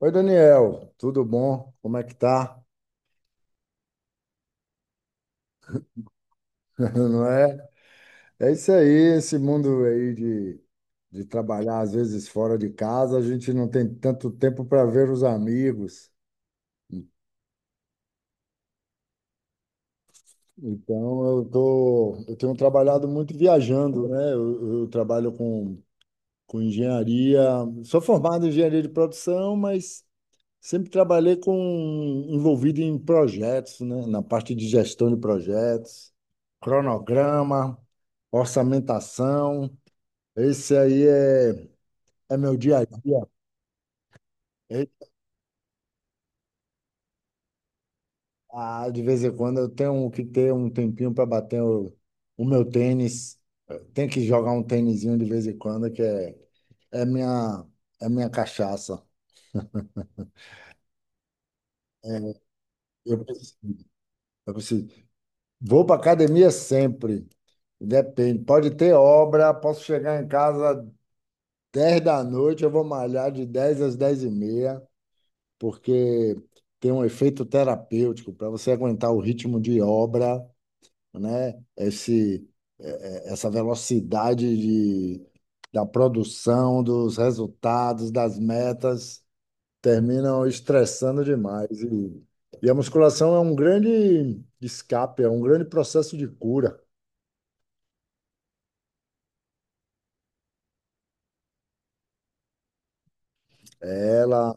Oi, Daniel, tudo bom? Como é que tá? Não é? É isso aí, esse mundo aí de trabalhar às vezes fora de casa, a gente não tem tanto tempo para ver os amigos. Então eu tenho trabalhado muito viajando, né? Eu trabalho com engenharia. Sou formado em engenharia de produção, mas sempre trabalhei com envolvido em projetos, né? Na parte de gestão de projetos, cronograma, orçamentação. Esse aí é, é meu dia a dia. E- ah, de vez em quando eu tenho que ter um tempinho para bater o meu tênis. Tem que jogar um tênisinho de vez em quando, é minha, é minha cachaça. Eu preciso, eu preciso. Vou para academia sempre. Depende. Pode ter obra, posso chegar em casa 10 da noite, eu vou malhar de 10 às 10h30, porque tem um efeito terapêutico para você aguentar o ritmo de obra, né? Essa velocidade da produção, dos resultados, das metas, terminam estressando demais. E a musculação é um grande escape, é um grande processo de cura. Ela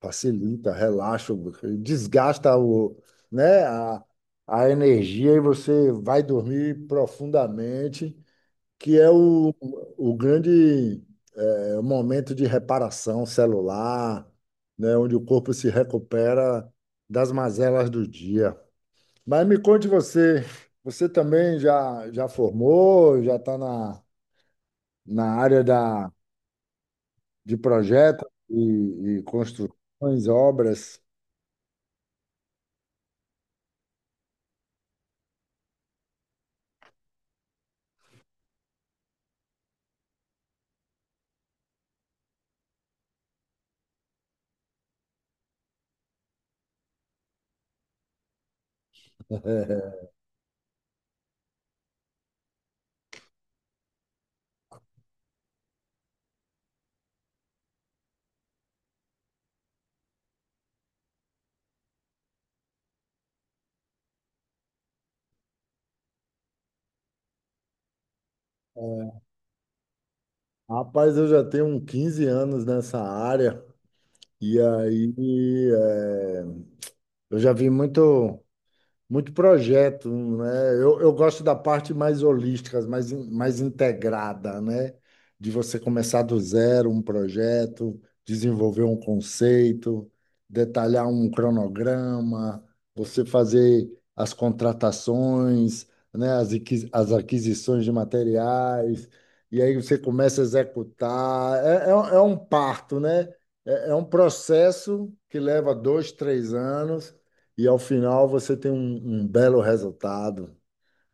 facilita, relaxa, desgasta né, a, a energia e você vai dormir profundamente, que é o grande momento de reparação celular, né, onde o corpo se recupera das mazelas do dia. Mas me conte você, você também já formou, já está na área de projetos e construções, obras? é, Rapaz, eu já tenho uns 15 anos nessa área e eu já vi muito, muito projeto, né? Eu gosto da parte mais holística, mais integrada, né? De você começar do zero um projeto, desenvolver um conceito, detalhar um cronograma, você fazer as contratações, né? As aquisições de materiais, e aí você começa a executar. É um parto, né? É um processo que leva dois, três anos e ao final você tem um belo resultado.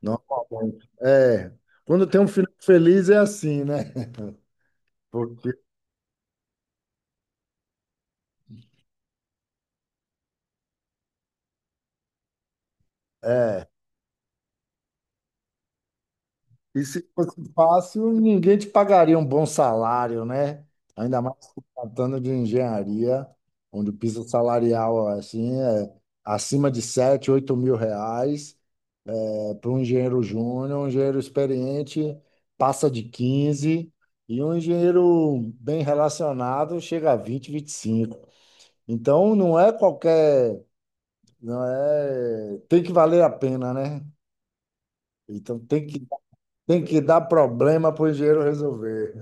Normalmente. É. Quando tem um final feliz é assim, né? Porque, é. E se fosse fácil, ninguém te pagaria um bom salário, né? Ainda mais se tratando de engenharia, onde o piso salarial assim, é acima de 7 8 mil reais. É, para um engenheiro júnior, um engenheiro experiente passa de 15 e um engenheiro bem relacionado chega a 20 25. Então não é, tem que valer a pena, né? Então tem que dar problema para o engenheiro resolver.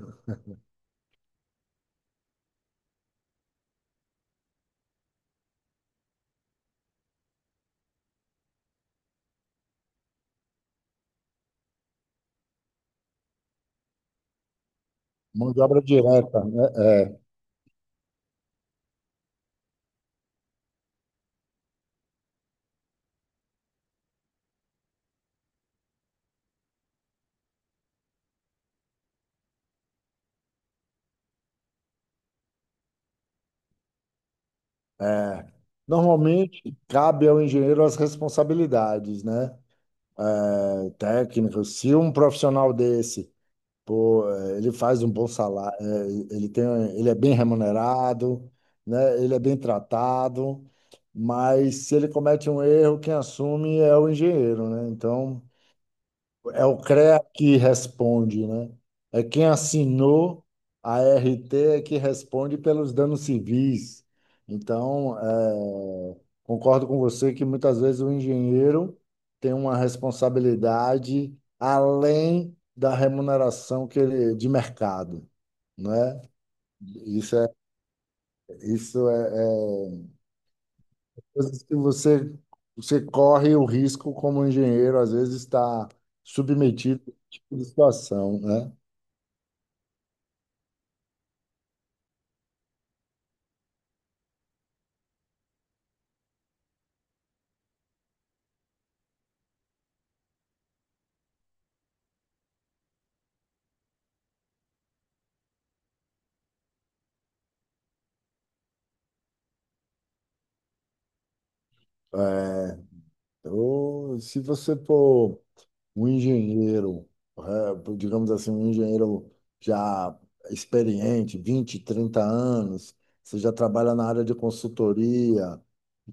Mão de obra direta, né? É. é. Normalmente cabe ao engenheiro as responsabilidades, né? Técnico, se um profissional desse, pô, é, ele faz um bom salário, ele tem, ele é bem remunerado, né? Ele é bem tratado, mas se ele comete um erro, quem assume é o engenheiro, né? Então é o CREA que responde, né? É quem assinou a RT é que responde pelos danos civis. Então, é, concordo com você que muitas vezes o engenheiro tem uma responsabilidade além da remuneração que ele, de mercado, né? Isso é, é coisas que você, você corre o risco como engenheiro, às vezes está submetido a esse tipo de situação, né? É, Eu, se você for um engenheiro, é, digamos assim, um engenheiro já experiente, 20 30 anos, você já trabalha na área de consultoria,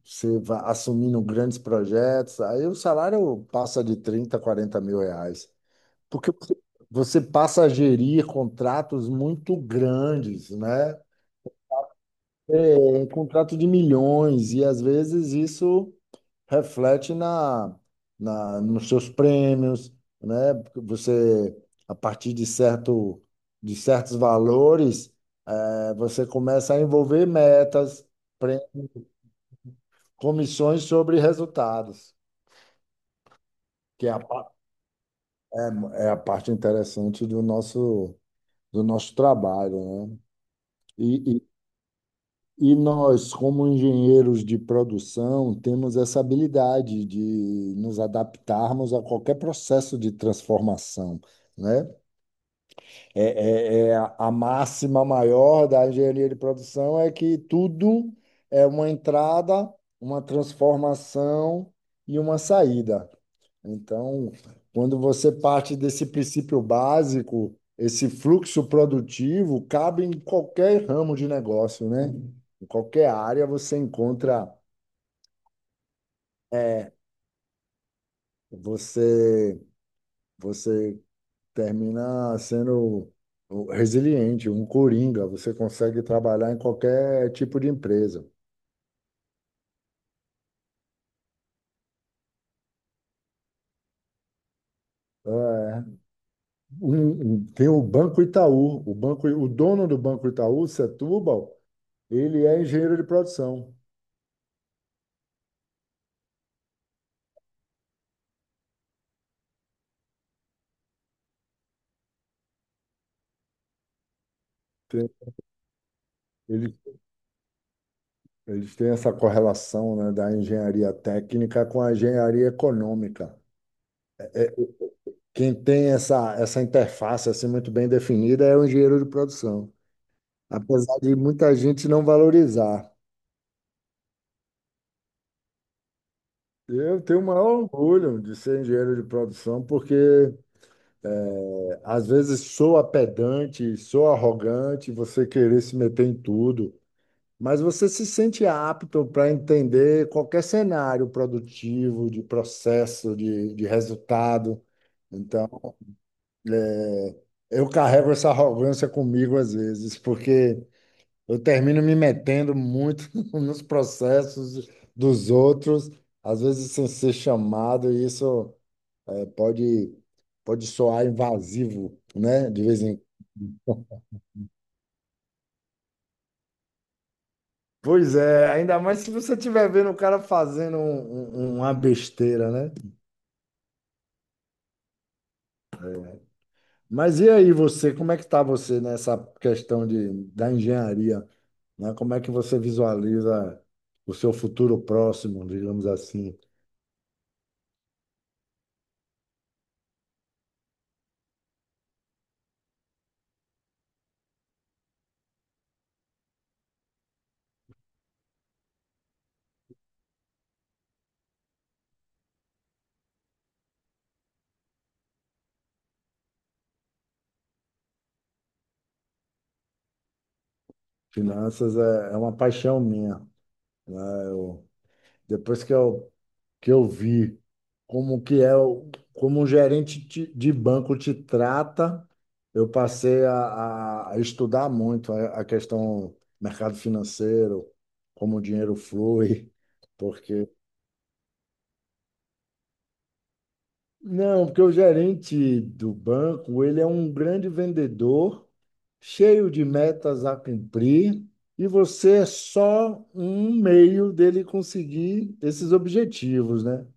você vai assumindo grandes projetos, aí o salário passa de 30 40 mil reais, porque você passa a gerir contratos muito grandes, né? É, um contrato de milhões, e às vezes isso reflete na, na nos seus prêmios, né? Porque você, a partir de certo, de certos valores, você começa a envolver metas, pre- comissões sobre resultados, que é a, pa- é é a parte interessante do do nosso trabalho, né? E, e, e nós, como engenheiros de produção, temos essa habilidade de nos adaptarmos a qualquer processo de transformação, né? É a máxima maior da engenharia de produção é que tudo é uma entrada, uma transformação e uma saída. Então, quando você parte desse princípio básico, esse fluxo produtivo cabe em qualquer ramo de negócio, né? Em qualquer área você encontra, é você, você termina sendo resiliente, um coringa. Você consegue trabalhar em qualquer tipo de empresa. É. Tem o Banco Itaú. O banco, o dono do Banco Itaú, Setúbal, ele é engenheiro de produção. Tem- ele- Eles têm essa correlação, né, da engenharia técnica com a engenharia econômica. Quem tem essa interface assim, muito bem definida é o engenheiro de produção. Apesar de muita gente não valorizar. Eu tenho o maior orgulho de ser engenheiro de produção, porque é, às vezes soa pedante, soa arrogante você querer se meter em tudo, mas você se sente apto para entender qualquer cenário produtivo, de processo, de resultado. Então, eu carrego essa arrogância comigo às vezes, porque eu termino me metendo muito nos processos dos outros, às vezes sem ser chamado, e isso. É, pode, pode soar invasivo, né? De vez em... Pois é, ainda mais se você estiver vendo o cara fazendo uma besteira, né? Mas e aí você, como é que tá você nessa questão de, da engenharia, né? Como é que você visualiza o seu futuro próximo, digamos assim? Finanças é uma paixão minha, né? Eu, depois que eu vi como que é o- como um gerente de banco te trata, eu passei a estudar muito a questão mercado financeiro, como o dinheiro flui, porque não, porque o gerente do banco, ele é um grande vendedor, cheio de metas a cumprir, e você é só um meio dele conseguir esses objetivos, né?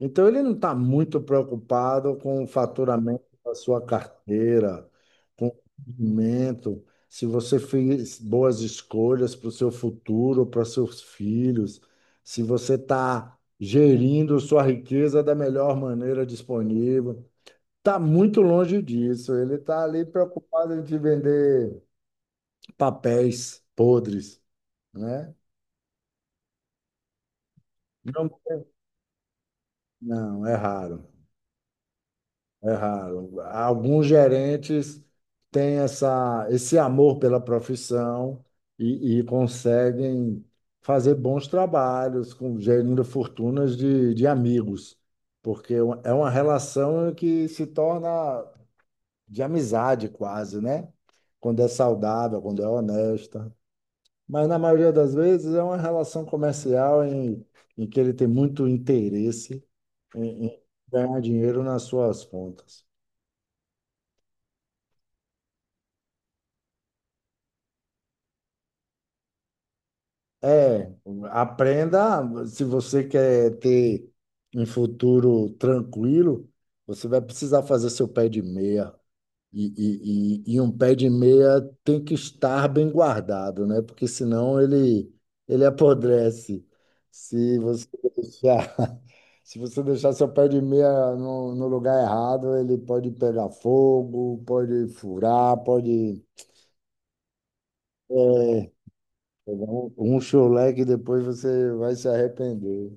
Então, ele não está muito preocupado com o faturamento da sua carteira, com o rendimento, se você fez boas escolhas para o seu futuro, para seus filhos, se você está gerindo sua riqueza da melhor maneira disponível. Está muito longe disso. Ele está ali preocupado em te vender papéis podres, né? Não, não, é raro, é raro. Alguns gerentes têm esse amor pela profissão e conseguem fazer bons trabalhos com gerindo fortunas de amigos, porque é uma relação que se torna de amizade quase, né? Quando é saudável, quando é honesta. Mas na maioria das vezes é uma relação comercial em que ele tem muito interesse em ganhar dinheiro nas suas contas. É, aprenda, se você quer ter um futuro tranquilo, você vai precisar fazer seu pé de meia. E, e um pé de meia tem que estar bem guardado, né? Porque senão ele apodrece. Se você deixar, se você deixar seu pé de meia no lugar errado, ele pode pegar fogo, pode furar, pode... é, Pegar um chulé que depois você vai se arrepender.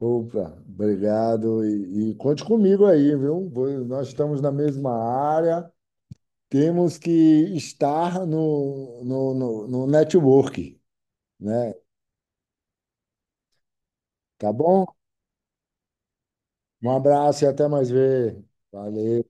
Opa, obrigado. E conte comigo aí, viu? Nós estamos na mesma área. Temos que estar no no network, né? Tá bom? Um abraço e até mais ver. Valeu.